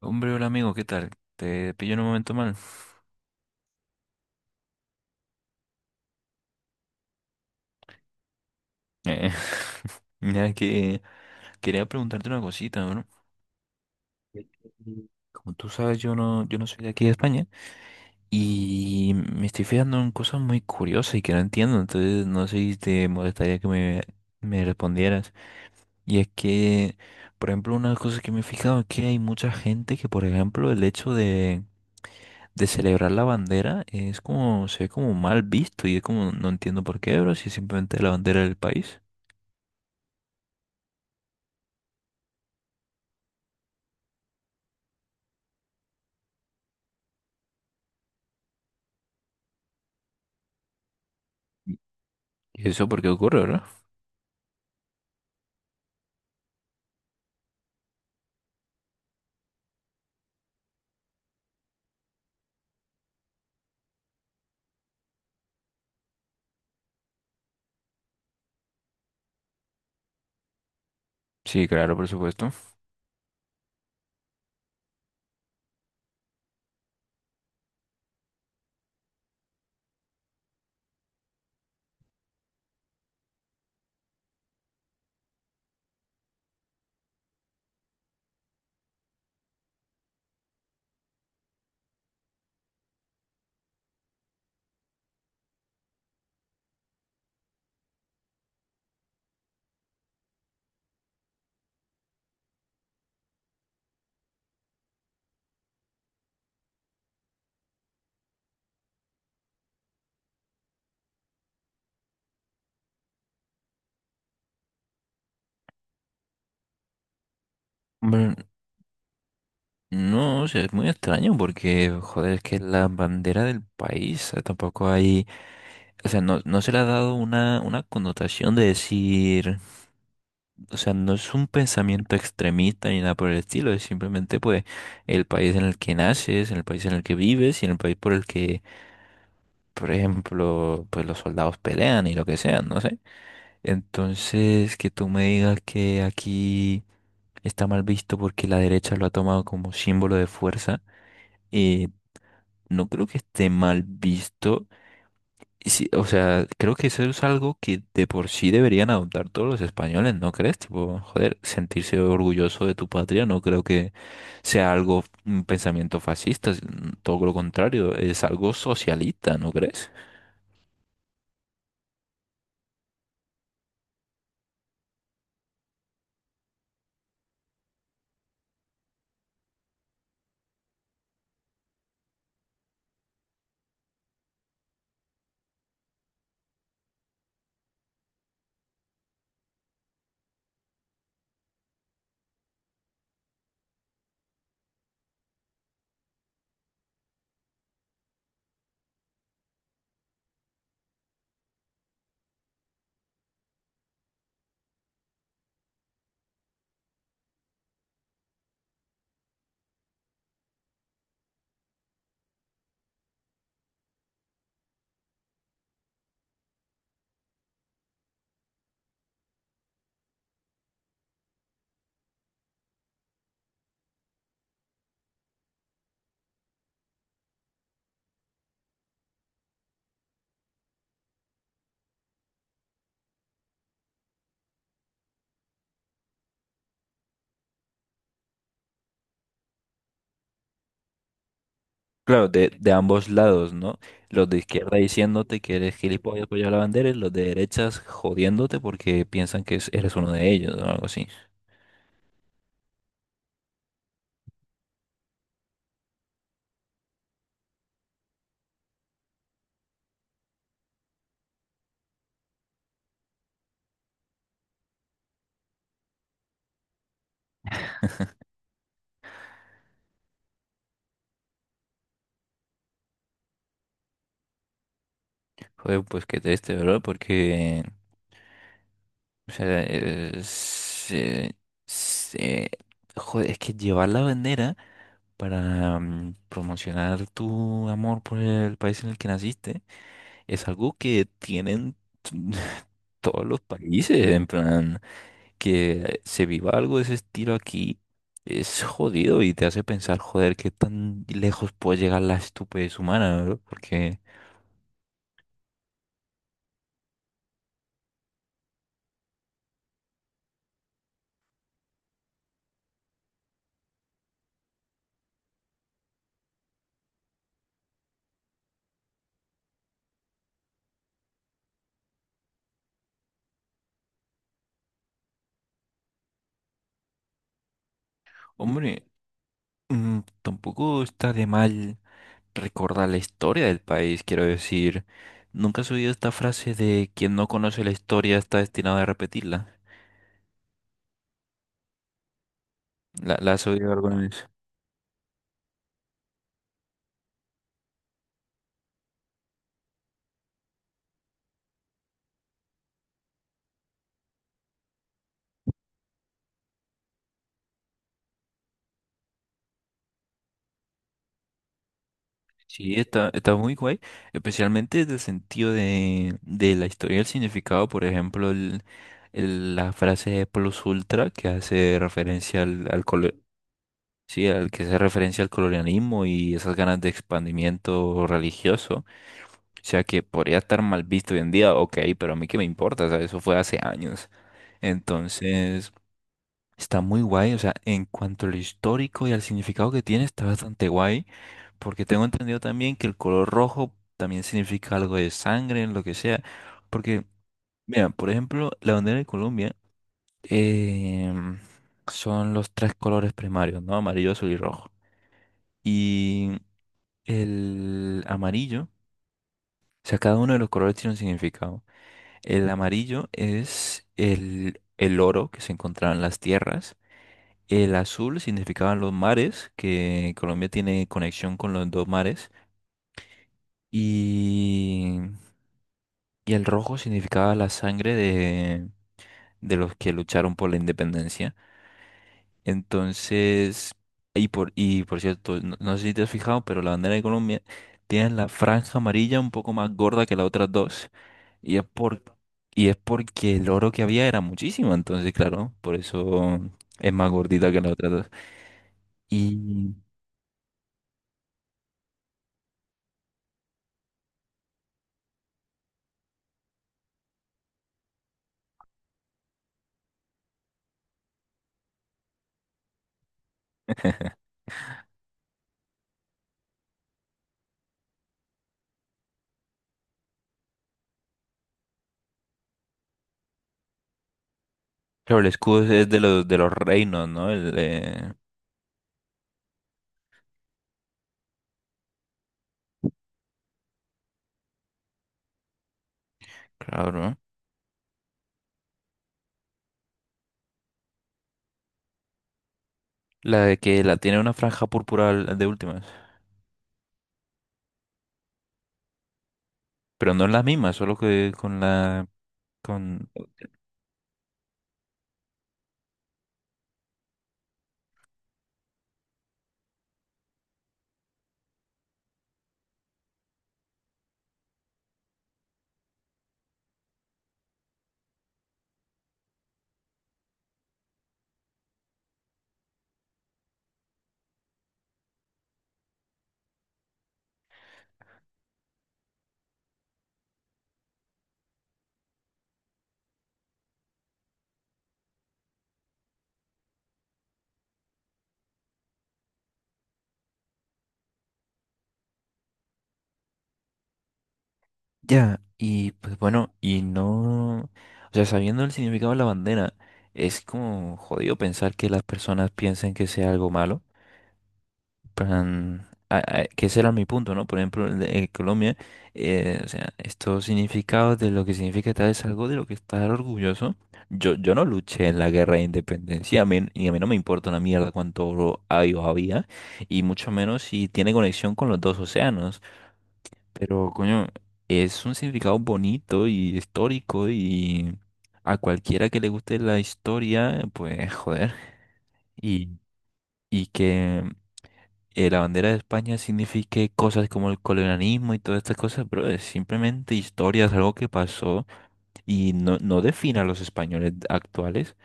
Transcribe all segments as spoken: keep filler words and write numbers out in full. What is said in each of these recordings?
Hombre, hola amigo, ¿qué tal? Te pillo en un momento mal. Eh, mira que quería preguntarte una cosita, ¿no? Como tú sabes, yo no, yo no soy de aquí de España y me estoy fijando en cosas muy curiosas y que no entiendo, entonces no sé si te molestaría que me, me respondieras. Y es que, por ejemplo, una cosa que me he fijado es que hay mucha gente que, por ejemplo, el hecho de, de celebrar la bandera es como, se ve como mal visto y es como, no entiendo por qué, bro, si es simplemente la bandera del país. ¿Y eso por qué ocurre, verdad? Sí, claro, por supuesto. Bueno, no, o sea, es muy extraño porque, joder, es que la bandera del país, o tampoco hay, o sea, no, no se le ha dado una, una connotación de decir, o sea, no es un pensamiento extremista ni nada por el estilo, es simplemente pues el país en el que naces, en el país en el que vives y en el país por el que, por ejemplo, pues los soldados pelean y lo que sea, no sé. Entonces, que tú me digas que aquí está mal visto porque la derecha lo ha tomado como símbolo de fuerza. Eh, no creo que esté mal visto. Y sí, o sea, creo que eso es algo que de por sí deberían adoptar todos los españoles, ¿no crees? Tipo, joder, sentirse orgulloso de tu patria no creo que sea algo, un pensamiento fascista, es- todo lo contrario, es algo socialista, ¿no crees? Claro, de, de ambos lados, ¿no? Los de izquierda diciéndote que eres gilipollas por llevar la bandera y los de derechas jodiéndote porque piensan que es- eres uno de ellos o algo así. Joder, pues qué triste, ¿verdad? Porque, o sea, eh, se- se- joder, es que llevar la bandera para mm, promocionar tu amor por el país en el que naciste es algo que tienen todos los países, en plan, que se viva algo de ese estilo aquí. Es jodido y te hace pensar, joder, qué tan lejos puede llegar la estupidez humana, ¿no? Porque, hombre, mm, tampoco está de mal recordar la historia del país, quiero decir. ¿Nunca has oído esta frase de quien no conoce la historia está destinado a repetirla? La, la has oído alguna vez. Sí, está, está muy guay, especialmente desde el sentido de, de la historia y el significado, por ejemplo, el, el- la frase plus ultra que hace referencia al, al colo- sí, al que hace referencia al colonialismo y esas ganas de expandimiento religioso. O sea que podría estar mal visto hoy en día, ok, pero a mí qué me importa, o sea, eso fue hace años. Entonces, está muy guay, o sea, en cuanto a lo histórico y al significado que tiene, está bastante guay, porque tengo entendido también que el color rojo también significa algo de sangre, lo que sea, porque, mira, por ejemplo, la bandera de Colombia em, son los tres colores primarios, ¿no? Amarillo, azul y rojo. Y el amarillo, o sea, cada uno de los colores tiene un significado. El amarillo es el, el oro que se encontraba en las tierras. El azul significaban los mares, que Colombia tiene conexión con los dos mares. Y, y el rojo significaba la sangre de, de los que lucharon por la independencia. Entonces, y por, y por cierto, no, no sé si te has fijado, pero la bandera de Colombia tiene la franja amarilla un poco más gorda que las otras dos. Y es por, y es porque el oro que había era muchísimo. Entonces, claro, por eso es más gordita que las otras dos. Y claro, el escudo es de los de los reinos, ¿no? El, eh, claro. La de que la tiene una franja púrpura al- de últimas. Pero no es la misma, solo que con la, con. Ya. Y pues bueno, y no. O sea, sabiendo el significado de la bandera, es como jodido pensar que las personas piensen que sea algo malo. Plan, a- a- que ese era mi punto, ¿no? Por ejemplo, en, en Colombia, eh, o sea, estos significados de lo que significa tal es algo de lo que estar orgulloso. Yo, yo no luché en la guerra de independencia, a mí, y a mí no me importa una mierda cuánto oro hay o había, y mucho menos si tiene conexión con los dos océanos. Pero, coño, es un significado bonito y histórico y a cualquiera que le guste la historia, pues, joder. Y, y que eh, la bandera de España signifique cosas como el colonialismo y todas estas cosas, pero es simplemente historias, algo que pasó y no, no define a los españoles actuales.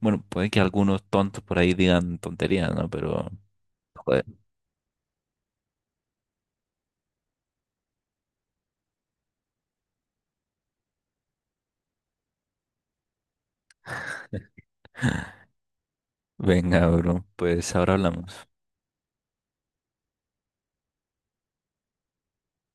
Bueno, puede que algunos tontos por ahí digan tonterías, ¿no? Pero, joder, venga, bro, pues ahora hablamos.